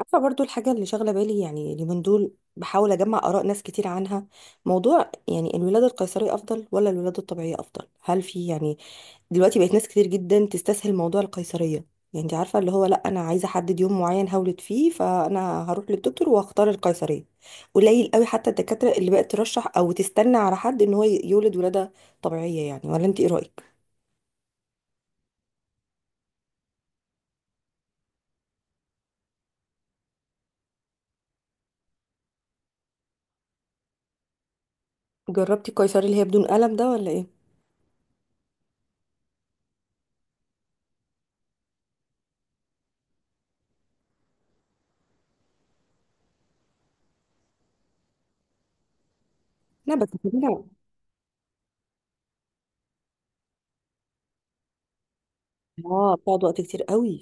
عارفة برضو الحاجة اللي شاغلة بالي، يعني اليومين دول بحاول أجمع آراء ناس كتير عنها. موضوع يعني الولادة القيصرية أفضل ولا الولادة الطبيعية أفضل؟ هل في يعني دلوقتي بقت ناس كتير جدا تستسهل موضوع القيصرية؟ يعني أنت عارفة اللي هو لأ، أنا عايزة أحدد يوم معين هولد فيه، فأنا هروح للدكتور وهختار القيصرية. قليل قوي حتى الدكاترة اللي بقت ترشح أو تستنى على حد إن هو يولد ولادة طبيعية. يعني ولا أنت إيه رأيك؟ جربتي القيصري اللي هي بدون ألم ده ولا إيه؟ لا بس كده. اه، بتقعد وقت كتير قوي.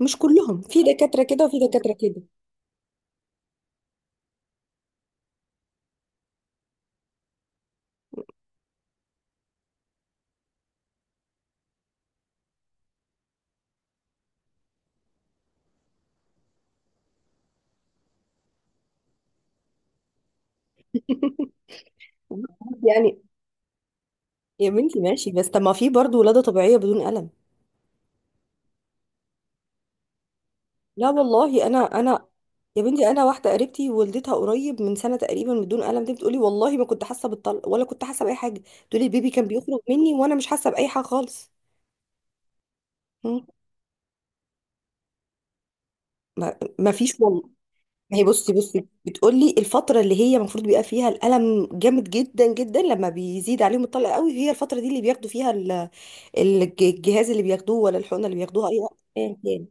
مش كلهم، في دكاترة كده وفي دكاترة كده. يعني يا بنتي ماشي، بس طب ما في برضه ولادة طبيعية بدون ألم؟ لا والله، أنا، يا بنتي أنا واحدة قريبتي ولدتها قريب من سنة تقريبا بدون ألم، دي بتقولي والله ما كنت حاسة بالطلق ولا كنت حاسة بأي حاجة. تقولي البيبي كان بيخرج مني وأنا مش حاسة بأي حاجة خالص. مم. ما فيش. ما هي بصي بصي بتقولي الفترة اللي هي المفروض بيبقى فيها الألم جامد جدا جدا لما بيزيد عليهم الطلق قوي، هي الفترة دي اللي بياخدوا فيها الجهاز اللي بياخدوه ولا الحقنة اللي بياخدوها أي وقت أيا كان.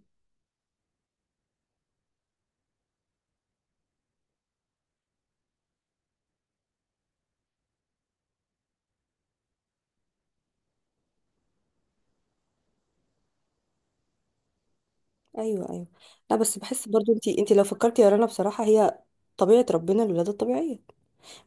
أيوه أيوه. لا بس بحس برضو، أنت لو فكرتي يا رنا بصراحة، هي طبيعة ربنا الولادة الطبيعية.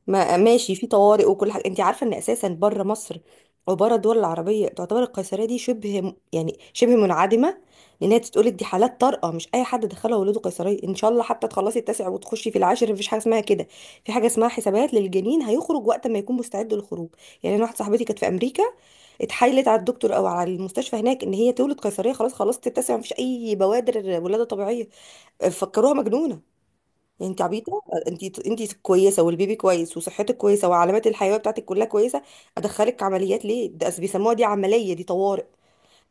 ما ماشي في طوارئ وكل حاجه، انت عارفه ان اساسا بره مصر وبره الدول العربيه تعتبر القيصريه دي شبه يعني شبه منعدمه، لانها تتقول دي حالات طارئه، مش اي حد دخلها ولاده قيصريه ان شاء الله حتى تخلصي التاسع وتخشي في العاشر مفيش حاجه اسمها كده. في حاجه اسمها حسابات للجنين، هيخرج وقت ما يكون مستعد للخروج. يعني انا واحده صاحبتي كانت في امريكا، اتحايلت على الدكتور او على المستشفى هناك ان هي تولد قيصريه، خلاص خلصت التاسع مفيش اي بوادر ولاده طبيعيه، فكروها مجنونه، انت عبيطه. انت كويسه والبيبي كويس وصحتك كويسه وعلامات الحيويه بتاعتك كلها كويسه، ادخلك عمليات ليه؟ ده بيسموها دي عمليه دي طوارئ.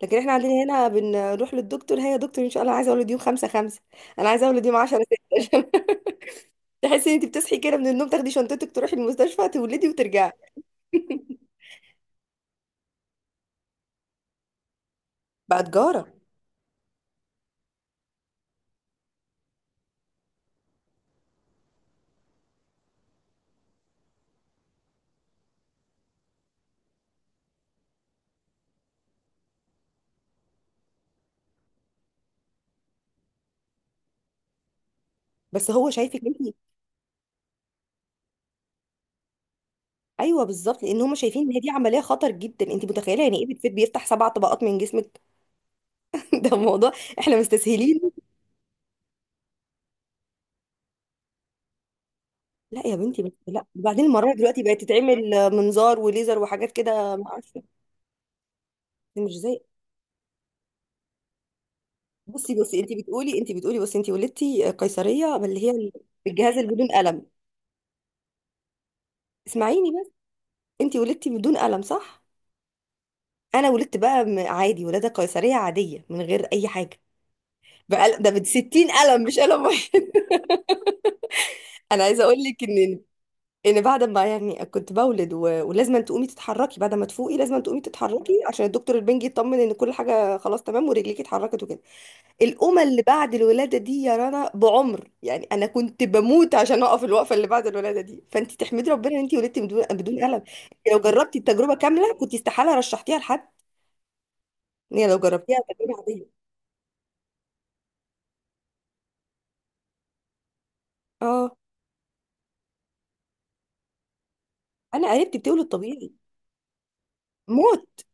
لكن احنا عندنا هنا بنروح للدكتور، هي يا دكتور ان شاء الله انا عايزه اولد يوم 5/5، انا عايزه اولد يوم 10، 6. تحسي ان انت بتصحي كده من النوم تاخدي شنطتك تروحي المستشفى تولدي وترجعي. بقى تجاره. بس هو شايفك انت. ايوه بالظبط، لان هم شايفين ان هي دي عمليه خطر جدا، انت متخيله يعني ايه بتفيد؟ بيفتح 7 طبقات من جسمك ده الموضوع، احنا مستسهلين. لا يا بنتي، بس لا، وبعدين المرايح دلوقتي بقت تتعمل منظار وليزر وحاجات كده ما اعرفش. مش زي. بصي بصي، انت بتقولي بصي، انت ولدتي قيصريه اللي هي بالجهاز اللي بدون قلم. اسمعيني بس. انت ولدتي بدون قلم صح؟ انا ولدت بقى عادي ولاده قيصريه عاديه من غير اي حاجه، بقى ده ب 60 قلم مش قلم واحد انا عايزه اقول لك ان، ان بعد ما يعني كنت بولد ولازم أن تقومي تتحركي بعد ما تفوقي، لازم أن تقومي تتحركي عشان الدكتور البنجي يطمن ان كل حاجه خلاص تمام ورجليكي اتحركت وكده. الأمة اللي بعد الولادة دي يا رنا بعمر، يعني أنا كنت بموت عشان أقف الوقفة اللي بعد الولادة دي، فأنت تحمدي ربنا إن أنت ولدتي بدون ألم. أنت لو جربتي التجربة كاملة كنت استحالة رشحتيها لحد، إن هي لو جربتيها تجربة عادية. أه أنا قريبتي بتولد طبيعي. موت!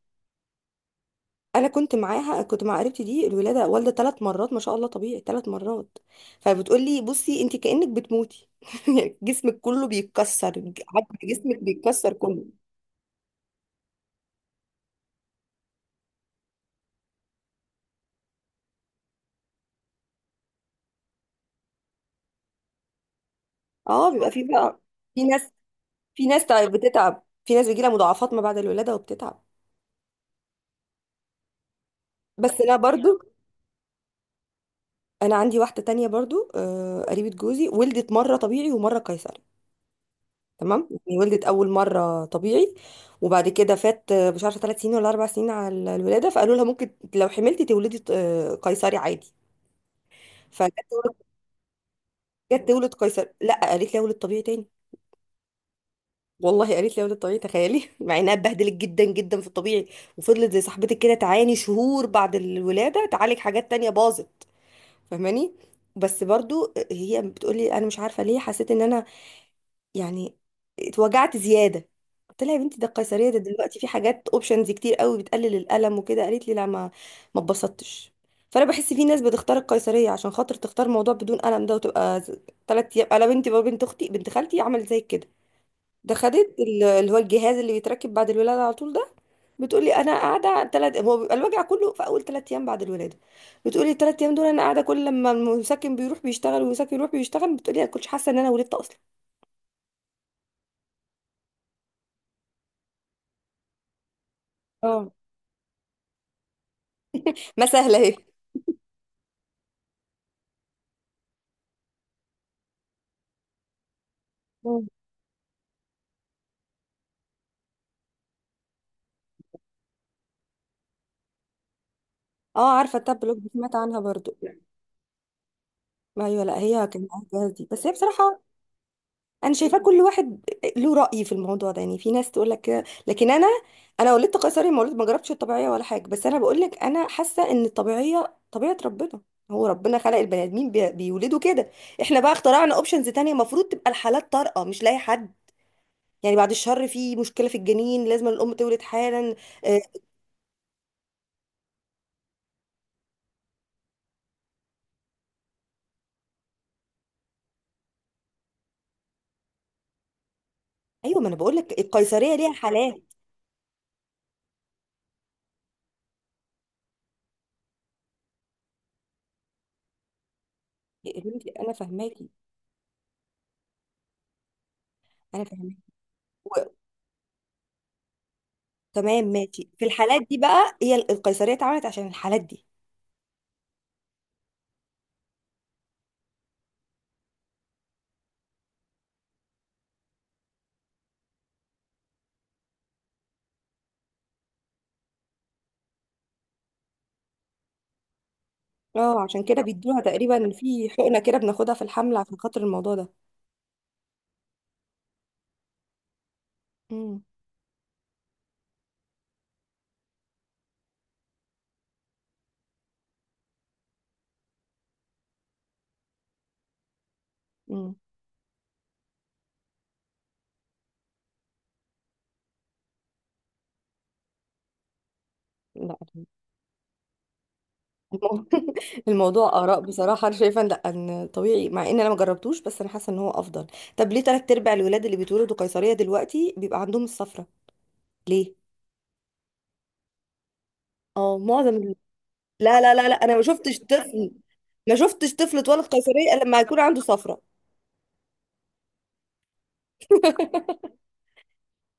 أنا كنت معاها، كنت مع قريبتي دي الولادة، والدة 3 مرات ما شاء الله طبيعي 3 مرات. فبتقول لي بصي أنت كأنك بتموتي يعني جسمك كله بيتكسر، عظم جسمك بيتكسر كله. أه بيبقى فيه بقى، في ناس، بتتعب، في ناس بيجيلها مضاعفات ما بعد الولادة وبتتعب. بس انا برضو، انا عندي واحدة تانية برضو آه، قريبة جوزي ولدت مرة طبيعي ومرة قيصري. تمام يعني ولدت اول مرة طبيعي، وبعد كده فات آه، مش عارفة 3 سنين ولا 4 سنين على الولادة، فقالوا لها ممكن لو حملتي تولدي آه، قيصري عادي. فجت تولد، جت تولد قيصري لا قالت لي اولد طبيعي تاني. والله قالت لي اولد طبيعي، تخيلي مع انها اتبهدلت جدا جدا في الطبيعي وفضلت زي صاحبتك كده تعاني شهور بعد الولادة تعالج حاجات تانية باظت، فاهماني؟ بس برضو هي بتقولي انا مش عارفه ليه حسيت ان انا يعني اتوجعت زياده. قلت لها يا بنتي، ده القيصريه ده دلوقتي في حاجات اوبشنز كتير قوي بتقلل الالم وكده، قالت لي لا، ما اتبسطتش. فانا بحس في ناس بتختار القيصريه عشان خاطر تختار موضوع بدون الم ده، وتبقى 3 ايام. انا بنتي بقى، بنت اختي، بنت خالتي عملت زي كده، ده خدت اللي هو الجهاز اللي بيتركب بعد الولاده على طول ده. بتقولي انا قاعده ثلاث، هو بيبقى الوجع كله في اول 3 ايام بعد الولاده، بتقولي الـ3 ايام دول انا قاعده كل لما المسكن بيروح بيشتغل والمسكن يروح بيشتغل، بتقولي انا كنتش حاسه ان انا ولدت اصلا. اه ما سهله اهي. مم. اه، عارفه التابلوك دي سمعت عنها برضو. ما ايوه، لا هي كان معاها الجهاز دي بس هي بصراحه، انا شايفاه كل واحد له رأي في الموضوع ده، يعني في ناس تقول لك كده لكن انا، انا ولدت قيصري، ما ولدت ما جربتش الطبيعيه ولا حاجه، بس انا بقول لك انا حاسه ان الطبيعيه طبيعه ربنا، هو ربنا خلق البني ادمين بيولدوا كده. احنا بقى اخترعنا اوبشنز تانية، المفروض تبقى الحالات طارئه مش لاقي حد، يعني بعد الشر في مشكله في الجنين لازم الام تولد حالا. آه، ايوه، ما انا بقول لك القيصريه ليها حالات. يا بنتي انا فاهماكي، انا فاهماكي و- تمام ماشي، في الحالات دي بقى هي القيصريه اتعملت عشان الحالات دي. اه، عشان كده بيدوها تقريبا في حقنة كده بناخدها في الحمل عشان خاطر الموضوع ده. امم. امم. لا المو- الموضوع آراء بصراحة، أنا شايفة إن لا، إن طبيعي مع إن أنا ما جربتوش بس أنا حاسة إن هو أفضل. طب ليه تلات أرباع الولاد اللي بيتولدوا قيصرية دلوقتي بيبقى عندهم الصفرة؟ ليه؟ اه معظم لا لا لا لا، أنا ما شفتش طفل، ما شفتش طفل اتولد قيصرية إلا لما يكون عنده صفرة.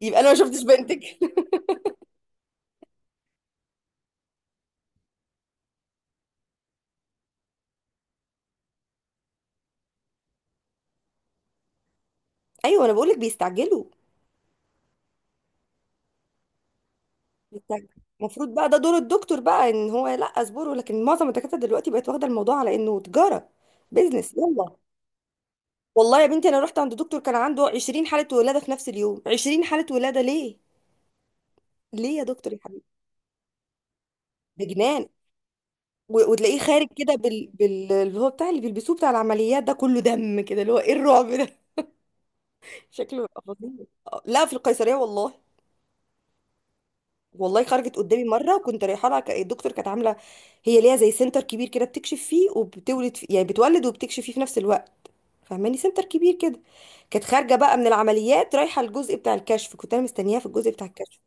يبقى أنا ما شفتش بنتك أيوه أنا بقولك بيستعجلوا. المفروض بقى ده دور الدكتور بقى ان هو لا اصبره، لكن معظم الدكاتره دلوقتي بقت واخده الموضوع على انه تجاره، بيزنس يلا. والله يا بنتي، انا رحت عند دكتور كان عنده 20 حاله ولاده في نفس اليوم، 20 حاله ولاده ليه؟ ليه يا دكتور يا حبيبي؟ ده جنان. وتلاقيه خارج كده بال اللي هو بتاع اللي بيلبسوه بتاع العمليات ده كله دم كده، اللي هو ايه الرعب ده شكله يبقى فظيع. آه، لا في القيصريه والله. والله خرجت قدامي مره وكنت رايحه لها إيه، الدكتور كانت عامله هي ليها زي سنتر كبير كده بتكشف فيه وبتولد فيه، يعني بتولد وبتكشف فيه في نفس الوقت، فاهماني؟ سنتر كبير كده. كانت خارجه بقى من العمليات رايحه الجزء بتاع الكشف، كنت انا مستنياها في الجزء بتاع الكشف،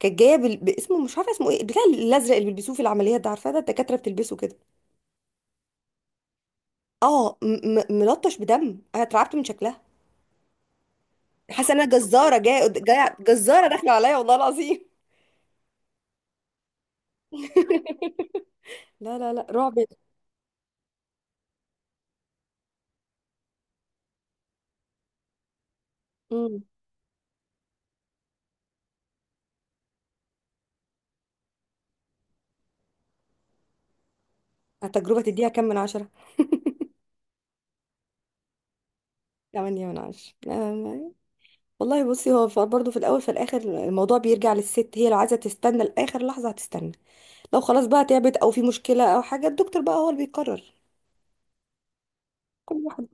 كانت جايه باسمه، مش عارفه اسمه ايه، بتاع الازرق اللي بيلبسوه في العمليات ده، عارفاه ده الدكاتره بتلبسه كده. اه ملطش بدم، انا اترعبت من شكلها، حاسه ان انا جزاره جايه، جايه جزاره داخله عليا والله العظيم. لا لا لا، رعب. مم. التجربه تديها كام من 10؟ 8/10، آه،. والله بصي هو برضه في الأول في الآخر الموضوع بيرجع للست، هي لو عايزة تستنى لآخر لحظة هتستنى، لو خلاص بقى تعبت أو في مشكلة أو حاجة الدكتور بقى هو اللي بيقرر، كل واحد.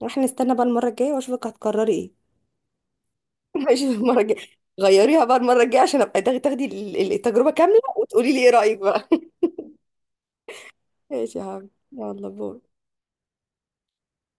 واحنا نستنى بقى المرة الجاية وأشوفك هتقرري إيه. ماشي المرة الجاية، غيريها بقى المرة الجاية عشان أبقى تاخدي التجربة كاملة وتقولي لي إيه رأيك بقى. ماشي يا حبيبي، يلا باي.